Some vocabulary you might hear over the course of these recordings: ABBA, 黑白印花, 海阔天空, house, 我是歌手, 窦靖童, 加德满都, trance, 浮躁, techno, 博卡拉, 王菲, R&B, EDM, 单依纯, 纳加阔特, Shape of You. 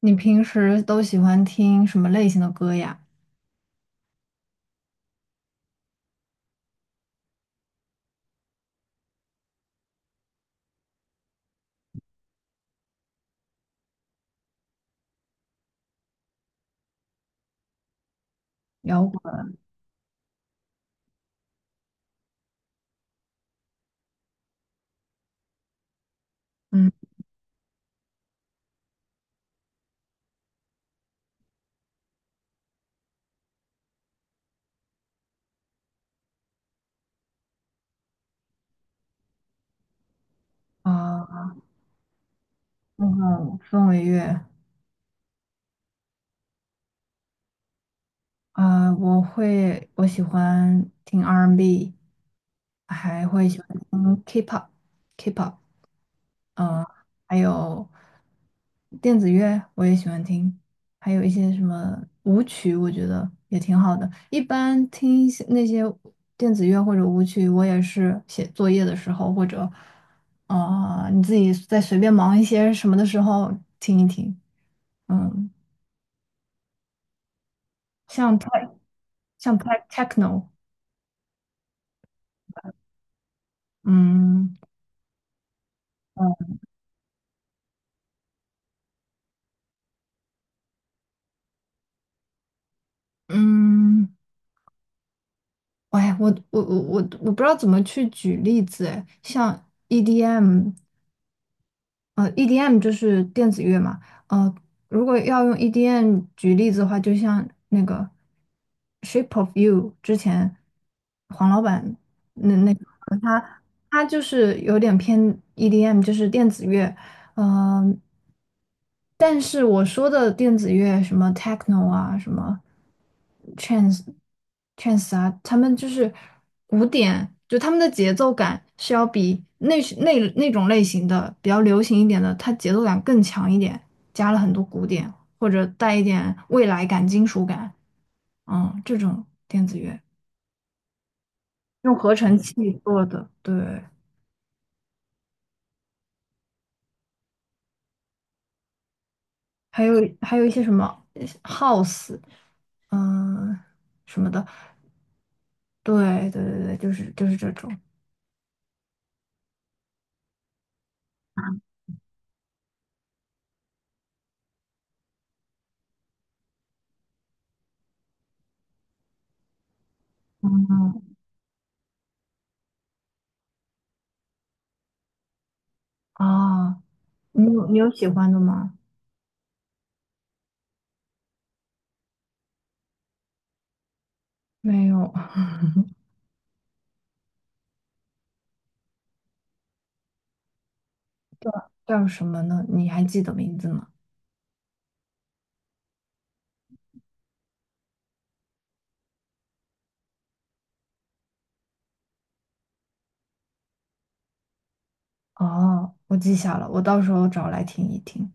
你平时都喜欢听什么类型的歌呀？摇滚。嗯啊，那种氛围乐啊，我会，我喜欢听 R&B，还会喜欢听 K-pop，K-pop。嗯、呃还有电子乐我也喜欢听，还有一些什么舞曲，我觉得也挺好的。一般听一些那些电子乐或者舞曲，我也是写作业的时候，或者你自己在随便忙一些什么的时候听一听。嗯，像 tech 像 tech techno。嗯。呃嗯，哎，我不知道怎么去举例子，哎，像 EDM。EDM 就是电子乐嘛。呃，如果要用 EDM 举例子的话，就像那个《Shape of You》之前黄老板那个他他就是有点偏 EDM,就是电子乐。呃，但是我说的电子乐，什么 techno 啊，什么 trance trance 啊，他们就是古典，就他们的节奏感是要比那种类型的比较流行一点的，它节奏感更强一点，加了很多古典或者带一点未来感、金属感。这种电子乐用合成器做的。对。还有还有一些什么 house,嗯、什么的。对对对对，就是这种。嗯，啊，你有喜欢的吗？没有。叫什么呢？你还记得名字吗？哦，我记下了，我到时候找来听一听。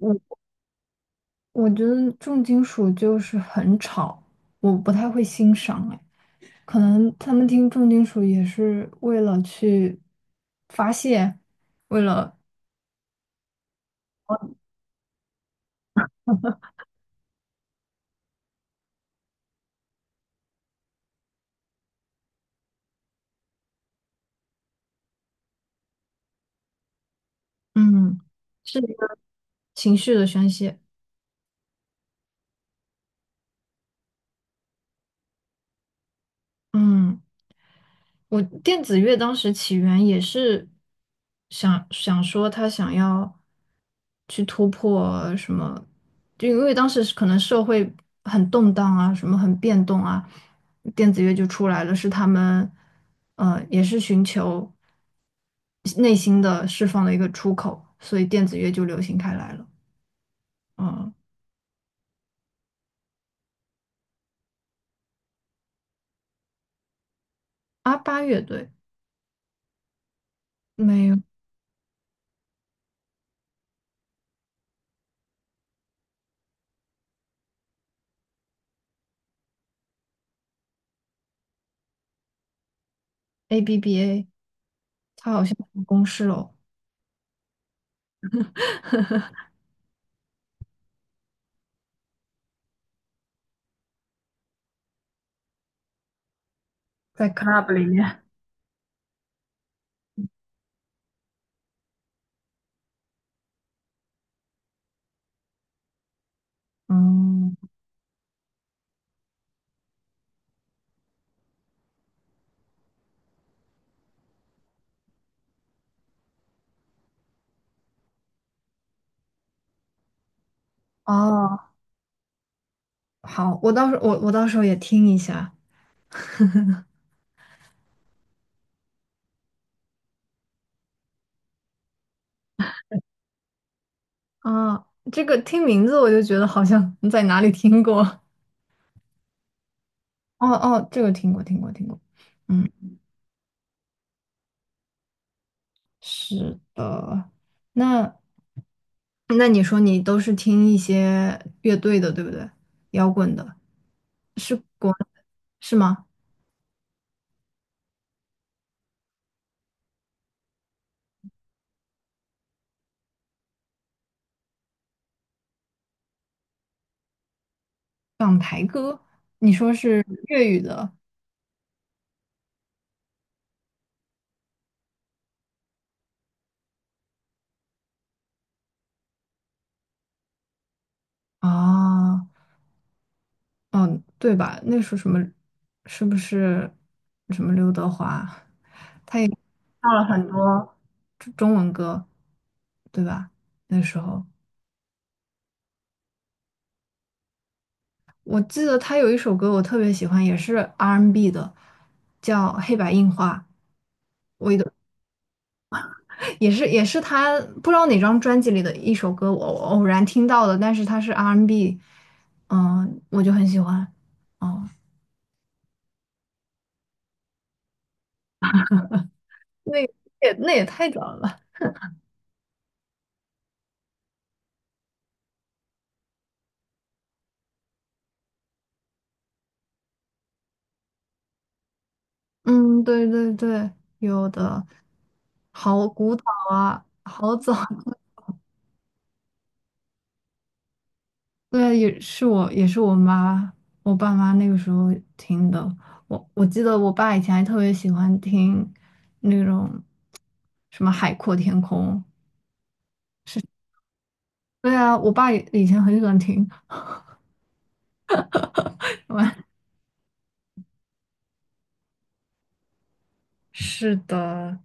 我我觉得重金属就是很吵，我不太会欣赏。哎，可能他们听重金属也是为了去发泄，为了嗯，是一个情绪的宣泄。嗯。我电子乐当时起源也是想想说他想要去突破什么，就因为当时是可能社会很动荡啊，什么很变动啊，电子乐就出来了，是他们也是寻求内心的释放的一个出口，所以电子乐就流行开来了。嗯。阿巴乐队。没有。 ABBA,他好像公示了。在 club 里面。嗯，哦。好，我到时候也听一下啊。这个听名字我就觉得好像在哪里听过。哦哦，这个听过听过听过。嗯，是的。那那你说你都是听一些乐队的，对不对？摇滚的，是国是吗？哦，嗯，对吧？那时候什么是不是什么刘德华唱了很多中文歌，对吧？那时候。我记得他有一首歌我特别喜欢，也是 R&B 的，叫《黑白印花》，也是他不知道哪张专辑里的一首歌，我偶然听到的，但是他是 R&B，n 嗯，我就很喜欢。哦，那也太早了。嗯，对对对，有的好古早啊，好早。对，也是我，也是我妈，我爸妈那个时候听的。我记得我爸以前还特别喜欢听那种什么《海阔天空》。对啊，我爸以前很喜欢听。是的。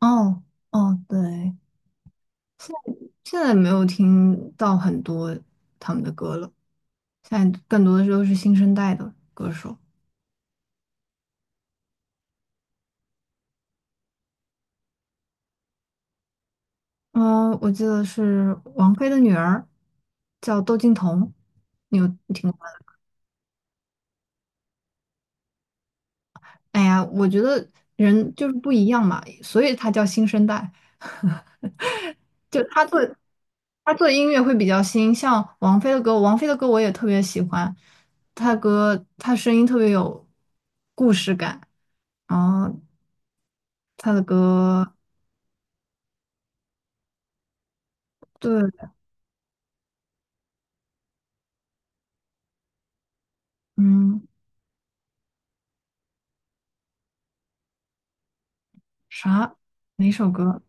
哦哦，对，现在没有听到很多他们的歌了，现在更多的时候是新生代的歌手。嗯，我记得是王菲的女儿叫窦靖童，你有听过？哎呀，我觉得人就是不一样嘛，所以他叫新生代。就他做音乐会比较新，像王菲的歌，王菲的歌我也特别喜欢，她歌她声音特别有故事感，然后她的歌。对。嗯，啥哪首歌？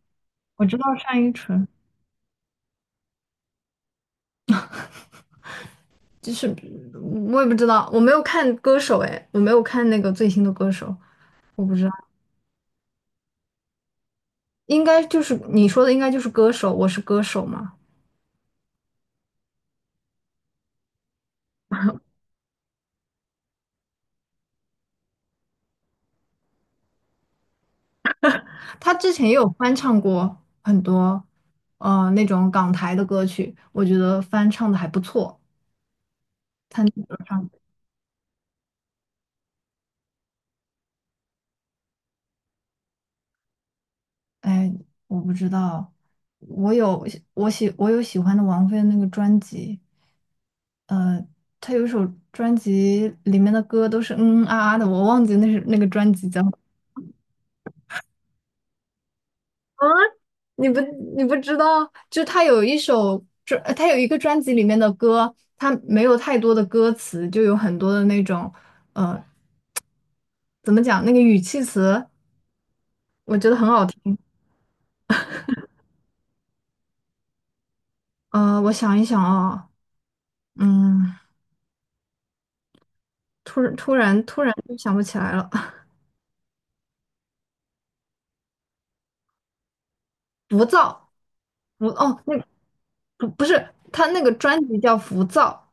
我知道单依纯，就是我也不知道，我没有看歌手，哎，我没有看那个最新的歌手，我不知道。应该就是你说的，应该就是歌手，我是歌手嘛。他之前也有翻唱过很多，那种港台的歌曲，我觉得翻唱的还不错。唱哎，我不知道，我有我有喜欢的王菲的那个专辑。呃他有一首专辑里面的歌都是嗯嗯啊啊的，我忘记那是那个专辑叫。你不你不知道，就他有一首专，他有一个专辑里面的歌，他没有太多的歌词，就有很多的那种，呃，怎么讲，那个语气词，我觉得很好听。我想一想啊。嗯，突然就想不起来了。浮躁。哦，那不是，他那个专辑叫《浮躁》。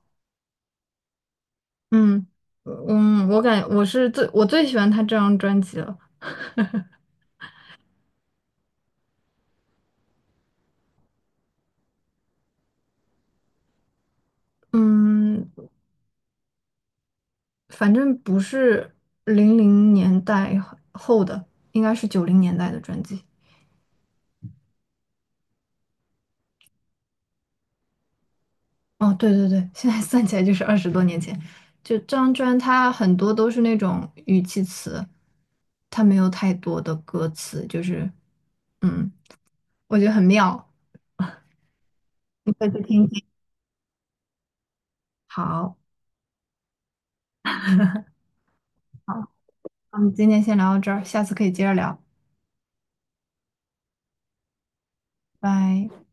嗯嗯，我感我是最我最喜欢他这张专辑了。嗯，反正不是00年代后的，应该是90年代的专辑。哦，对对对，现在算起来就是20多年前。就这张专，它很多都是那种语气词，它没有太多的歌词，就是嗯，我觉得很妙，你可以去听听。好，那我们今天先聊到这儿，下次可以接着聊，拜。